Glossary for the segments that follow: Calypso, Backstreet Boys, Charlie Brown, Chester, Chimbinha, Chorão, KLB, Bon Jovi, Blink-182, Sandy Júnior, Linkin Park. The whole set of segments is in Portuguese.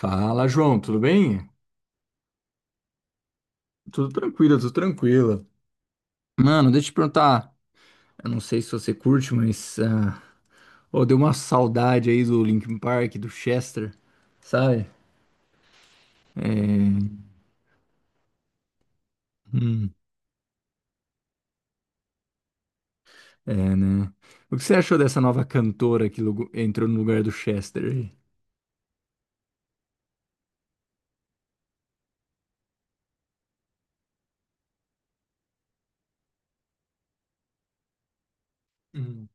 Fala, João, tudo bem? Tudo tranquilo, tudo tranquilo. Mano, deixa eu te perguntar. Eu não sei se você curte, mas, ah, ô, deu uma saudade aí do Linkin Park, do Chester, sabe? É. Hum, é, né? O que você achou dessa nova cantora que entrou no lugar do Chester aí? Hum.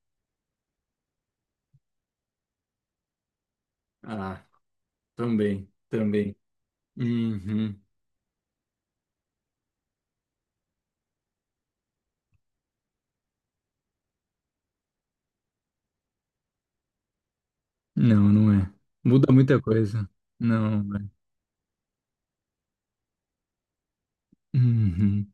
Ah, também, também. Uhum. Não, não é. Muda muita coisa. Não, não vai. Uhum.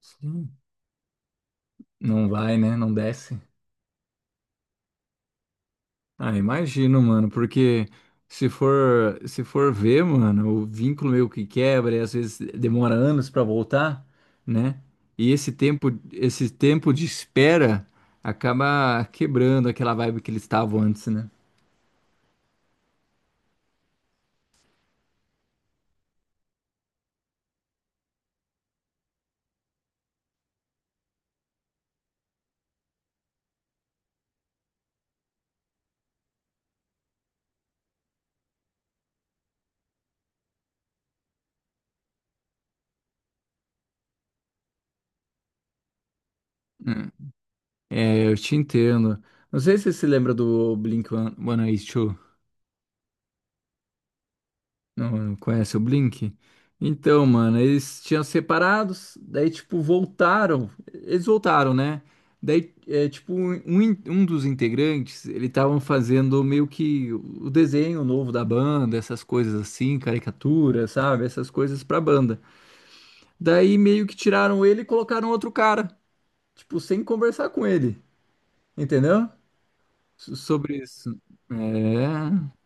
Sim. Não vai, né? Não desce. Ah, imagino, mano, porque se for ver, mano, o vínculo meio que quebra e às vezes demora anos pra voltar, né? E esse tempo de espera acaba quebrando aquela vibe que eles estavam antes, né? Hum. É, eu te entendo. Não sei se você se lembra do Blink-182. Eighty-two. Não, não conhece o Blink? Então, mano, eles tinham separados, daí, tipo, voltaram. Eles voltaram, né? Daí, é, tipo, um dos integrantes, ele estavam fazendo meio que o desenho novo da banda, essas coisas assim, caricatura, sabe? Essas coisas pra banda. Daí, meio que tiraram ele e colocaram outro cara, tipo, sem conversar com ele, entendeu? Sobre isso. É.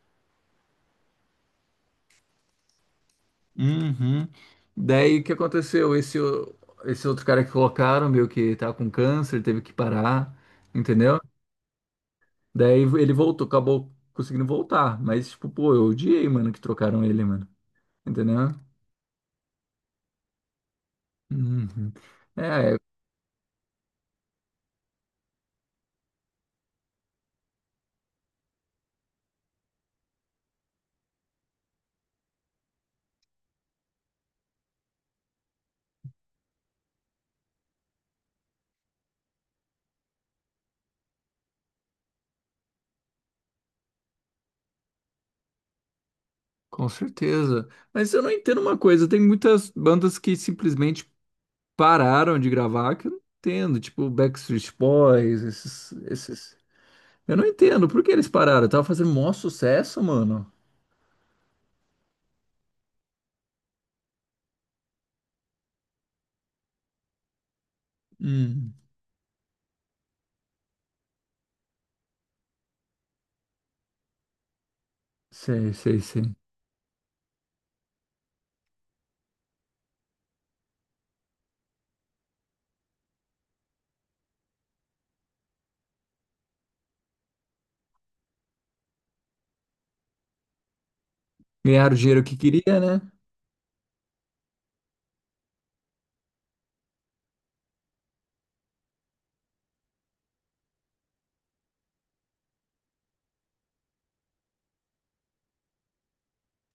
Uhum. Daí o que aconteceu? Esse outro cara que colocaram, meio que tá com câncer, teve que parar, entendeu? Daí ele voltou, acabou conseguindo voltar. Mas, tipo, pô, eu odiei, mano, que trocaram ele, mano. Entendeu? Uhum. É, com certeza. Mas eu não entendo uma coisa, tem muitas bandas que simplesmente pararam de gravar que eu não entendo, tipo Backstreet Boys, esses. Eu não entendo, por que eles pararam? Tava fazendo maior sucesso, mano. Hum. Sei, sei, sei. Ganharam o dinheiro que queria, né?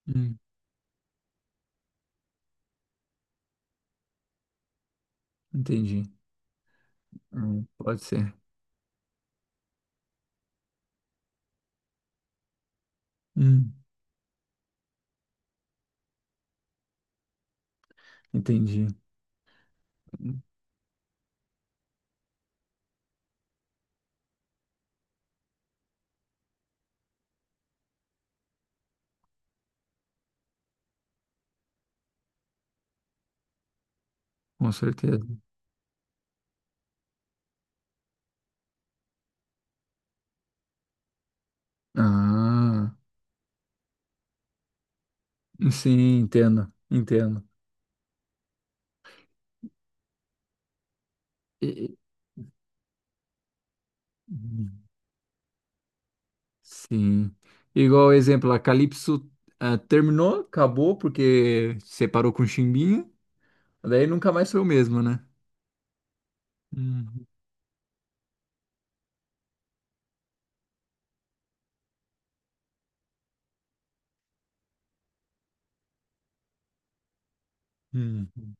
Hum, entendi. Pode ser. Hum, entendi. Hum, Com certeza. Ah, sim, entendo, entendo. E- e- hum, sim. Igual exemplo, a Calypso, ah, terminou, acabou porque separou com o Chimbinha, daí nunca mais foi o mesmo, né? Uhum. Uhum.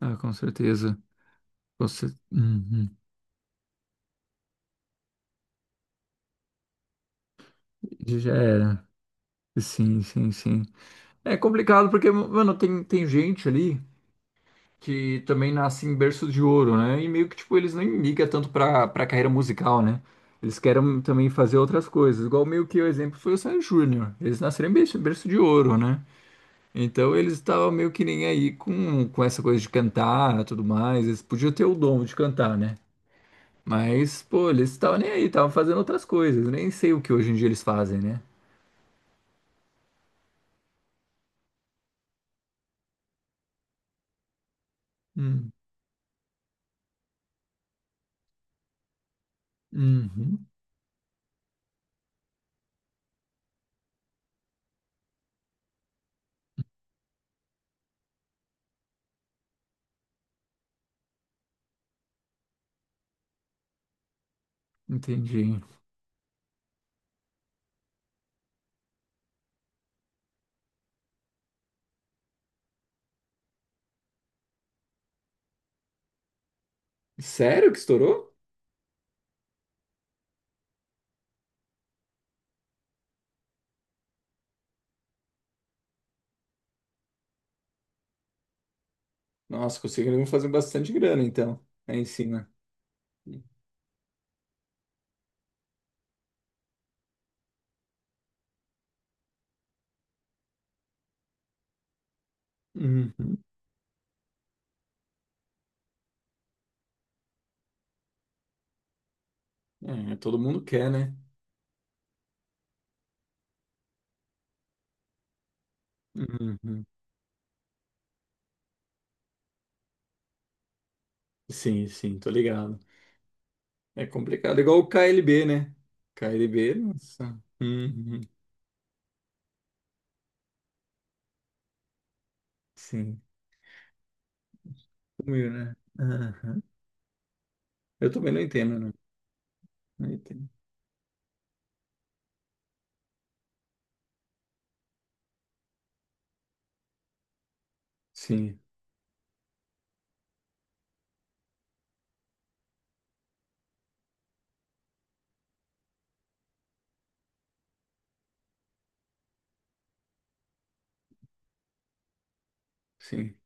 Ah, com certeza. Você. Uhum. Já era. Sim, sim, sim. É complicado porque, mano, tem gente ali que também nasce em berço de ouro, né? E meio que, tipo, eles nem ligam tanto pra carreira musical, né? Eles querem também fazer outras coisas. Igual meio que o exemplo foi o Sandy Júnior. Eles nasceram em berço de ouro, né? Então eles estavam meio que nem aí com essa coisa de cantar e tudo mais. Eles podiam ter o dom de cantar, né? Mas, pô, eles estavam nem aí, estavam fazendo outras coisas. Nem sei o que hoje em dia eles fazem, né? Hum, uhum, entendi. Sério que estourou? Nossa, conseguiram fazer bastante grana, então, aí em cima. Uhum. É, todo mundo quer, né? Uhum. Sim, sim, tô ligado. É complicado, igual o KLB, né? KLB, nossa. Uhum. Sim, sumiu, né? Aham. Eu também não entendo, né? Não entendo. Sim, sim,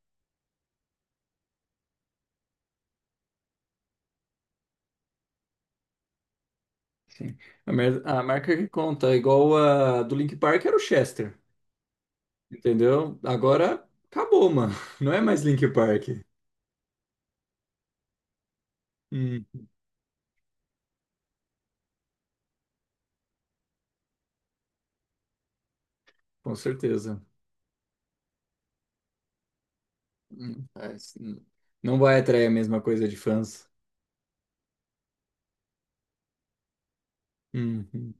sim. A marca que conta, igual a do Link Park era o Chester, entendeu? Agora acabou, mano. Não é mais Link Park. Hum. Com certeza. É, sim. Não vai atrair a mesma coisa de fãs. Uhum.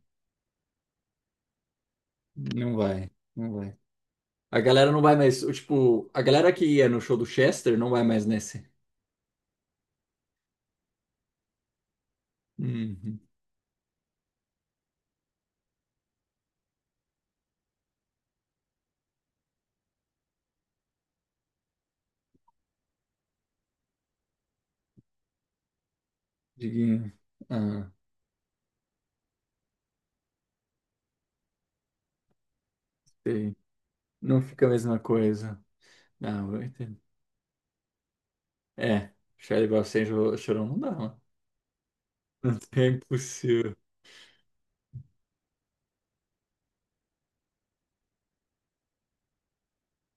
Não vai, não vai. A galera não vai mais, o tipo, a galera que ia no show do Chester não vai mais nesse. Uhum. Diguinho. Ah, sei. Não fica a mesma coisa. Ah, eu entendo. É, Charlie Brown sem chorão não dá, mano. É impossível.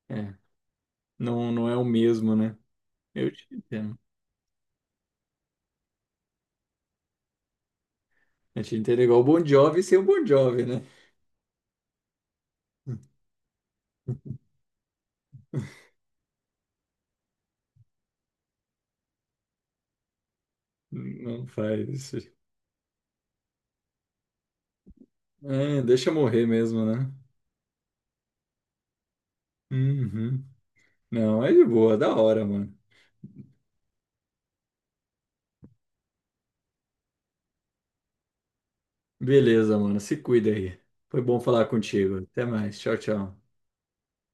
É, não, não é o mesmo, né? Eu te entendo. Eu te entendo igual o Bon Jovi sem o Bon Jovi, né? Não faz isso. É, deixa morrer mesmo, né? Uhum. Não, é de boa, da hora, mano. Beleza, mano. Se cuida aí. Foi bom falar contigo. Até mais. Tchau, tchau.